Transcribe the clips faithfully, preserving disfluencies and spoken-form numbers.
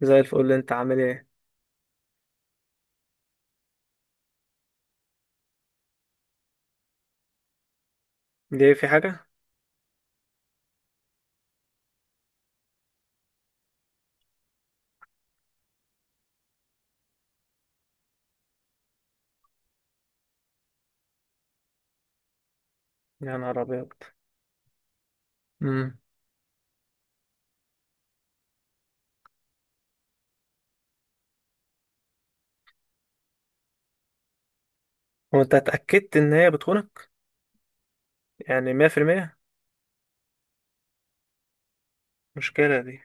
زي الفل. اللي انت عامل ايه؟ دي في حاجة؟ يا نهار ابيض. امم هو انت اتأكدت ان هي بتخونك؟ يعني مية في المية؟ مشكلة دي.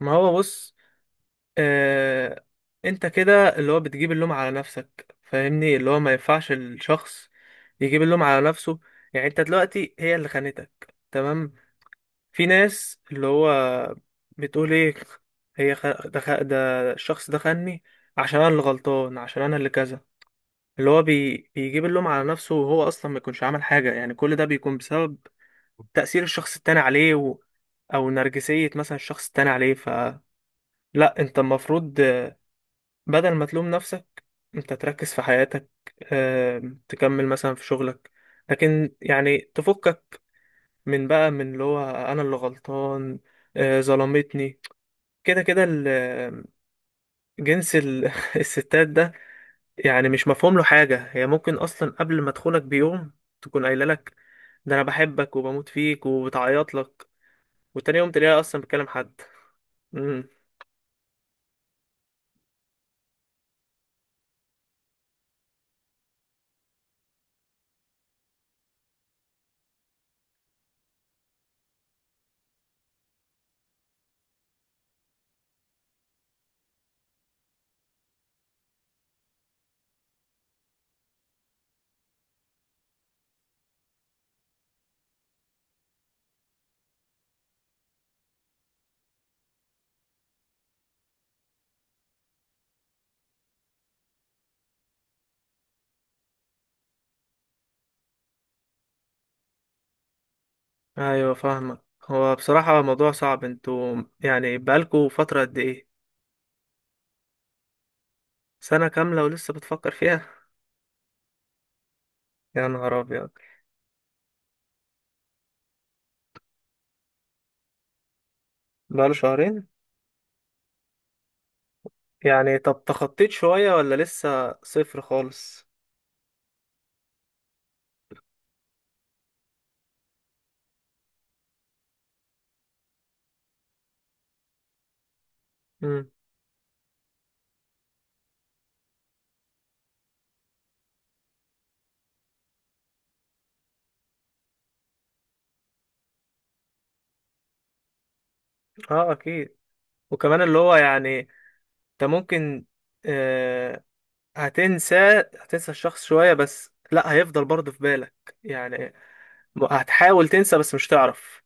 ما هو بص، اه... انت كده اللي هو بتجيب اللوم على نفسك، فاهمني؟ اللي هو ما ينفعش الشخص يجيب اللوم على نفسه. يعني انت دلوقتي هي اللي خانتك، تمام؟ في ناس اللي هو بتقول ايه؟ هي خ... ده, خ... ده الشخص ده خاني عشان انا اللي غلطان، عشان انا اللي كذا. اللي هو بي... بيجيب اللوم على نفسه وهو اصلا ما يكونش عمل حاجه. يعني كل ده بيكون بسبب تاثير الشخص التاني عليه و... او نرجسيه مثلا الشخص التاني عليه. فلا، انت المفروض بدل ما تلوم نفسك، انت تركز في حياتك، آم، تكمل مثلا في شغلك، لكن يعني تفكك من بقى من اللي هو انا اللي غلطان، آه، ظلمتني. كده كده ال- جنس ال- الستات ده يعني مش مفهوم له حاجة. هي ممكن أصلا قبل ما تخونك بيوم تكون قايلة لك ده أنا بحبك وبموت فيك وبتعيط لك، وتاني يوم تلاقيها أصلا بتكلم حد. امم أيوة، فاهمك. هو بصراحة موضوع صعب. انتوا يعني بقالكوا فترة قد إيه؟ سنة كاملة ولسه بتفكر فيها؟ يا نهار أبيض. بقاله شهرين يعني؟ طب تخطيت شوية ولا لسه صفر خالص؟ امم اه أكيد. وكمان اللي هو يعني انت ممكن آه، هتنسى، هتنسى الشخص شوية، بس لا، هيفضل برضه في بالك يعني. هتحاول تنسى بس مش تعرف.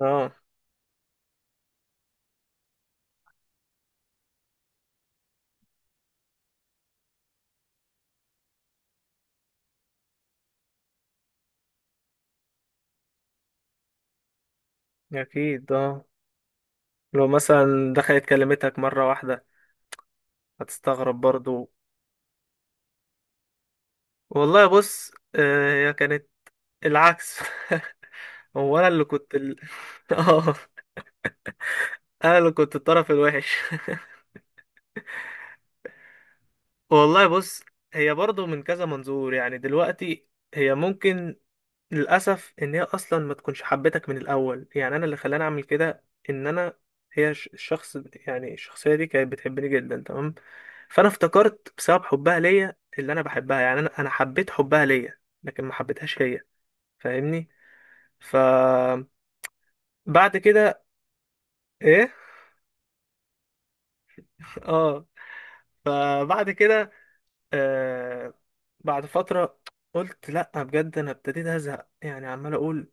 اه اكيد اه. لو مثلا دخلت كلمتك مرة واحدة هتستغرب برضه. والله بص، آه، هي كانت العكس. هو انا اللي كنت ال... اه، انا اللي كنت الطرف الوحش. والله بص، هي برضه من كذا منظور يعني. دلوقتي هي ممكن، للأسف، إن هي أصلا ما تكونش حبتك من الأول. يعني أنا اللي خلاني أعمل كده، إن أنا، هي ش- الشخص يعني الشخصية دي كانت بتحبني جدا، تمام؟ فأنا افتكرت بسبب حبها ليا اللي أنا بحبها. يعني أنا أنا حبيت حبها ليا لكن ما حبيتهاش هي، فاهمني؟ ف بعد كده، إيه؟ آه. فبعد كده، آه، بعد فترة قلت لأ، بجد أنا ابتديت أزهق. يعني عمال أقول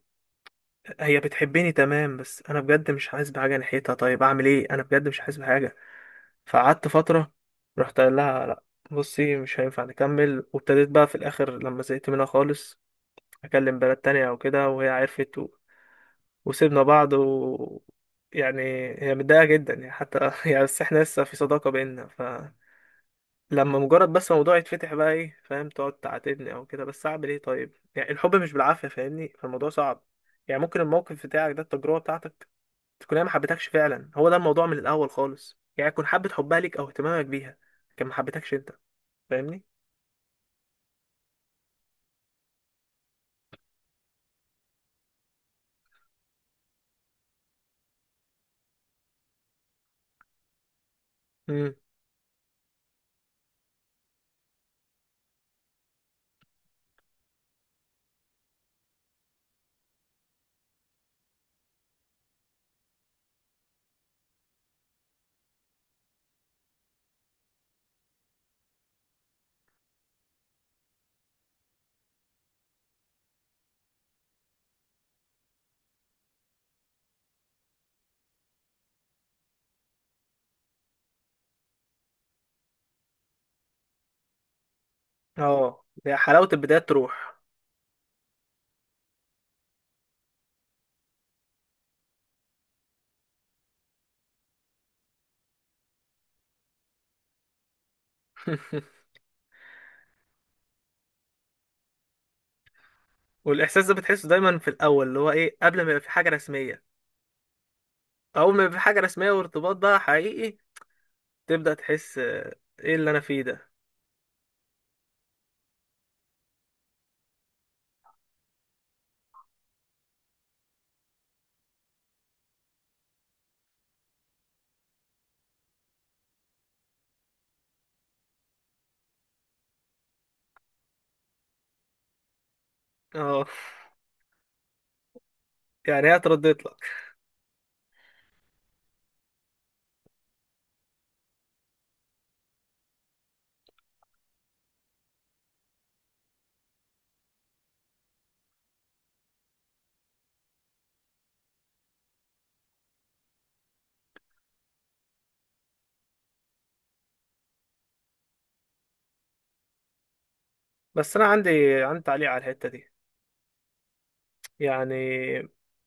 هي بتحبني، تمام بس انا بجد مش حاسس بحاجه ناحيتها. طيب اعمل ايه؟ انا بجد مش حاسس بحاجه. فقعدت فتره، رحت قايل لها لا، بصي مش هينفع نكمل. وابتديت بقى في الاخر لما زهقت منها خالص اكلم بنات تانية او كده، وهي عرفت و... وسيبنا بعض. و يعني هي متضايقه جدا يعني، حتى يعني بس احنا لسه في صداقه بينا، فلما مجرد بس موضوع يتفتح بقى، ايه فاهم؟ تقعد تعاتبني او كده. بس اعمل ايه طيب؟ يعني الحب مش بالعافيه، فاهمني؟ فالموضوع صعب. يعني ممكن الموقف بتاعك ده، التجربة بتاعتك، تكون هي ما حبتكش فعلا، هو ده الموضوع من الاول خالص. يعني تكون حبة حبها ليك او اهتمامك بيها، كان ما حبتكش انت، فاهمني؟ امم، اه. هي حلاوة البداية تروح. والاحساس ده بتحسه دايما في الاول، اللي هو ايه، قبل ما يبقى في حاجة رسمية. اول ما يبقى في حاجة رسمية وارتباط بقى حقيقي، تبدأ تحس آه، ايه اللي انا فيه ده. اه يعني هي اتردت لك. بس انا عندي عندي تعليق على الحتة دي. يعني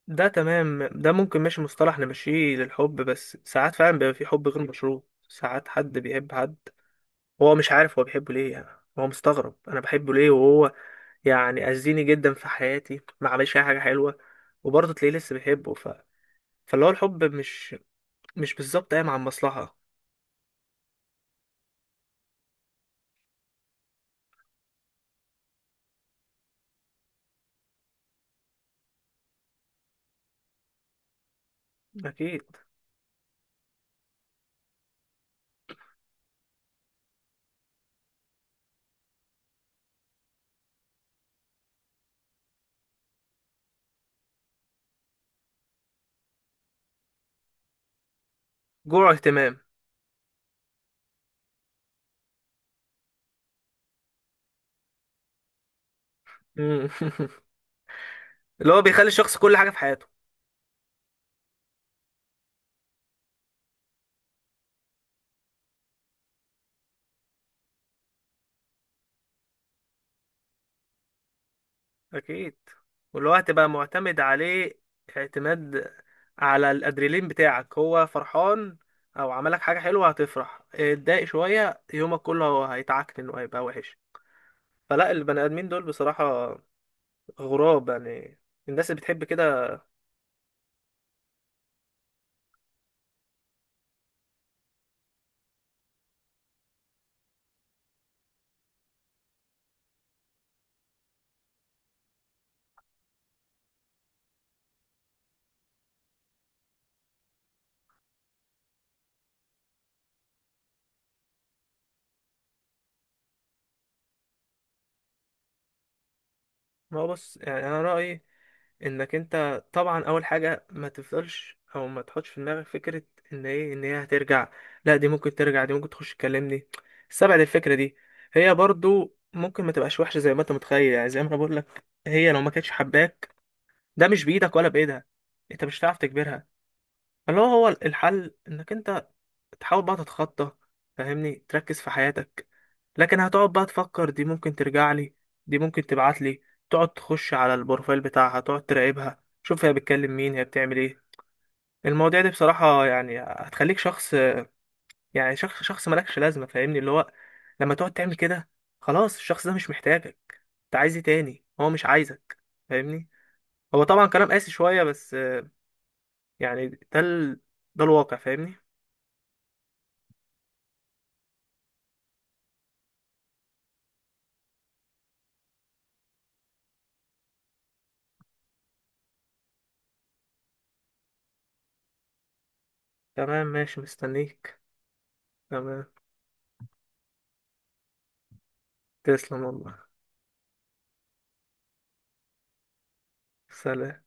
ده تمام، ده ممكن ماشي مصطلح نمشيه للحب، بس ساعات فعلا بيبقى في حب غير مشروط. ساعات حد بيحب حد هو مش عارف هو بيحبه ليه يعني. هو مستغرب انا بحبه ليه، وهو يعني اذيني جدا في حياتي، ما عملش اي حاجه حلوه، وبرضه تلاقيه لسه بيحبه. ف... فاللي هو الحب مش مش بالظبط قايم على المصلحه. اكيد، جوع اهتمام. مم. اللي هو بيخلي الشخص كل حاجه في حياته. اكيد. ولو هتبقى معتمد عليه اعتماد، على الادريلين بتاعك، هو فرحان او عملك حاجه حلوه هتفرح، اتضايق شويه يومك كله هو هيتعكن وهيبقى وحش. فلا، البني ادمين دول بصراحه غراب يعني، الناس اللي بتحب كده. ما هو بص، يعني انا رايي انك انت طبعا اول حاجه ما تفضلش او ما تحطش في دماغك فكره ان ايه، ان هي هترجع. لا، دي ممكن ترجع، دي ممكن تخش تكلمني، استبعد الفكره دي. هي برضو ممكن ما تبقاش وحشه زي ما انت متخيل. يعني زي ما انا بقول لك، هي لو ما كانتش حباك، ده مش بايدك ولا بايدها، انت مش هتعرف تجبرها. اللي هو هو الحل انك انت تحاول بقى تتخطى، فاهمني؟ تركز في حياتك. لكن هتقعد بقى تفكر دي ممكن ترجع لي، دي ممكن تبعت لي، تقعد تخش على البروفايل بتاعها، تقعد تراقبها، شوف هي بتكلم مين، هي بتعمل ايه. المواضيع دي بصراحة يعني هتخليك شخص، يعني شخص شخص مالكش لازمة، فاهمني؟ اللي هو لما تقعد تعمل كده، خلاص الشخص ده مش محتاجك. انت عايز ايه تاني، هو مش عايزك، فاهمني؟ هو طبعا كلام قاسي شوية، بس يعني ده ال... ده الواقع، فاهمني؟ تمام، ماشي، مستنيك. تمام، تسلم والله. سلام.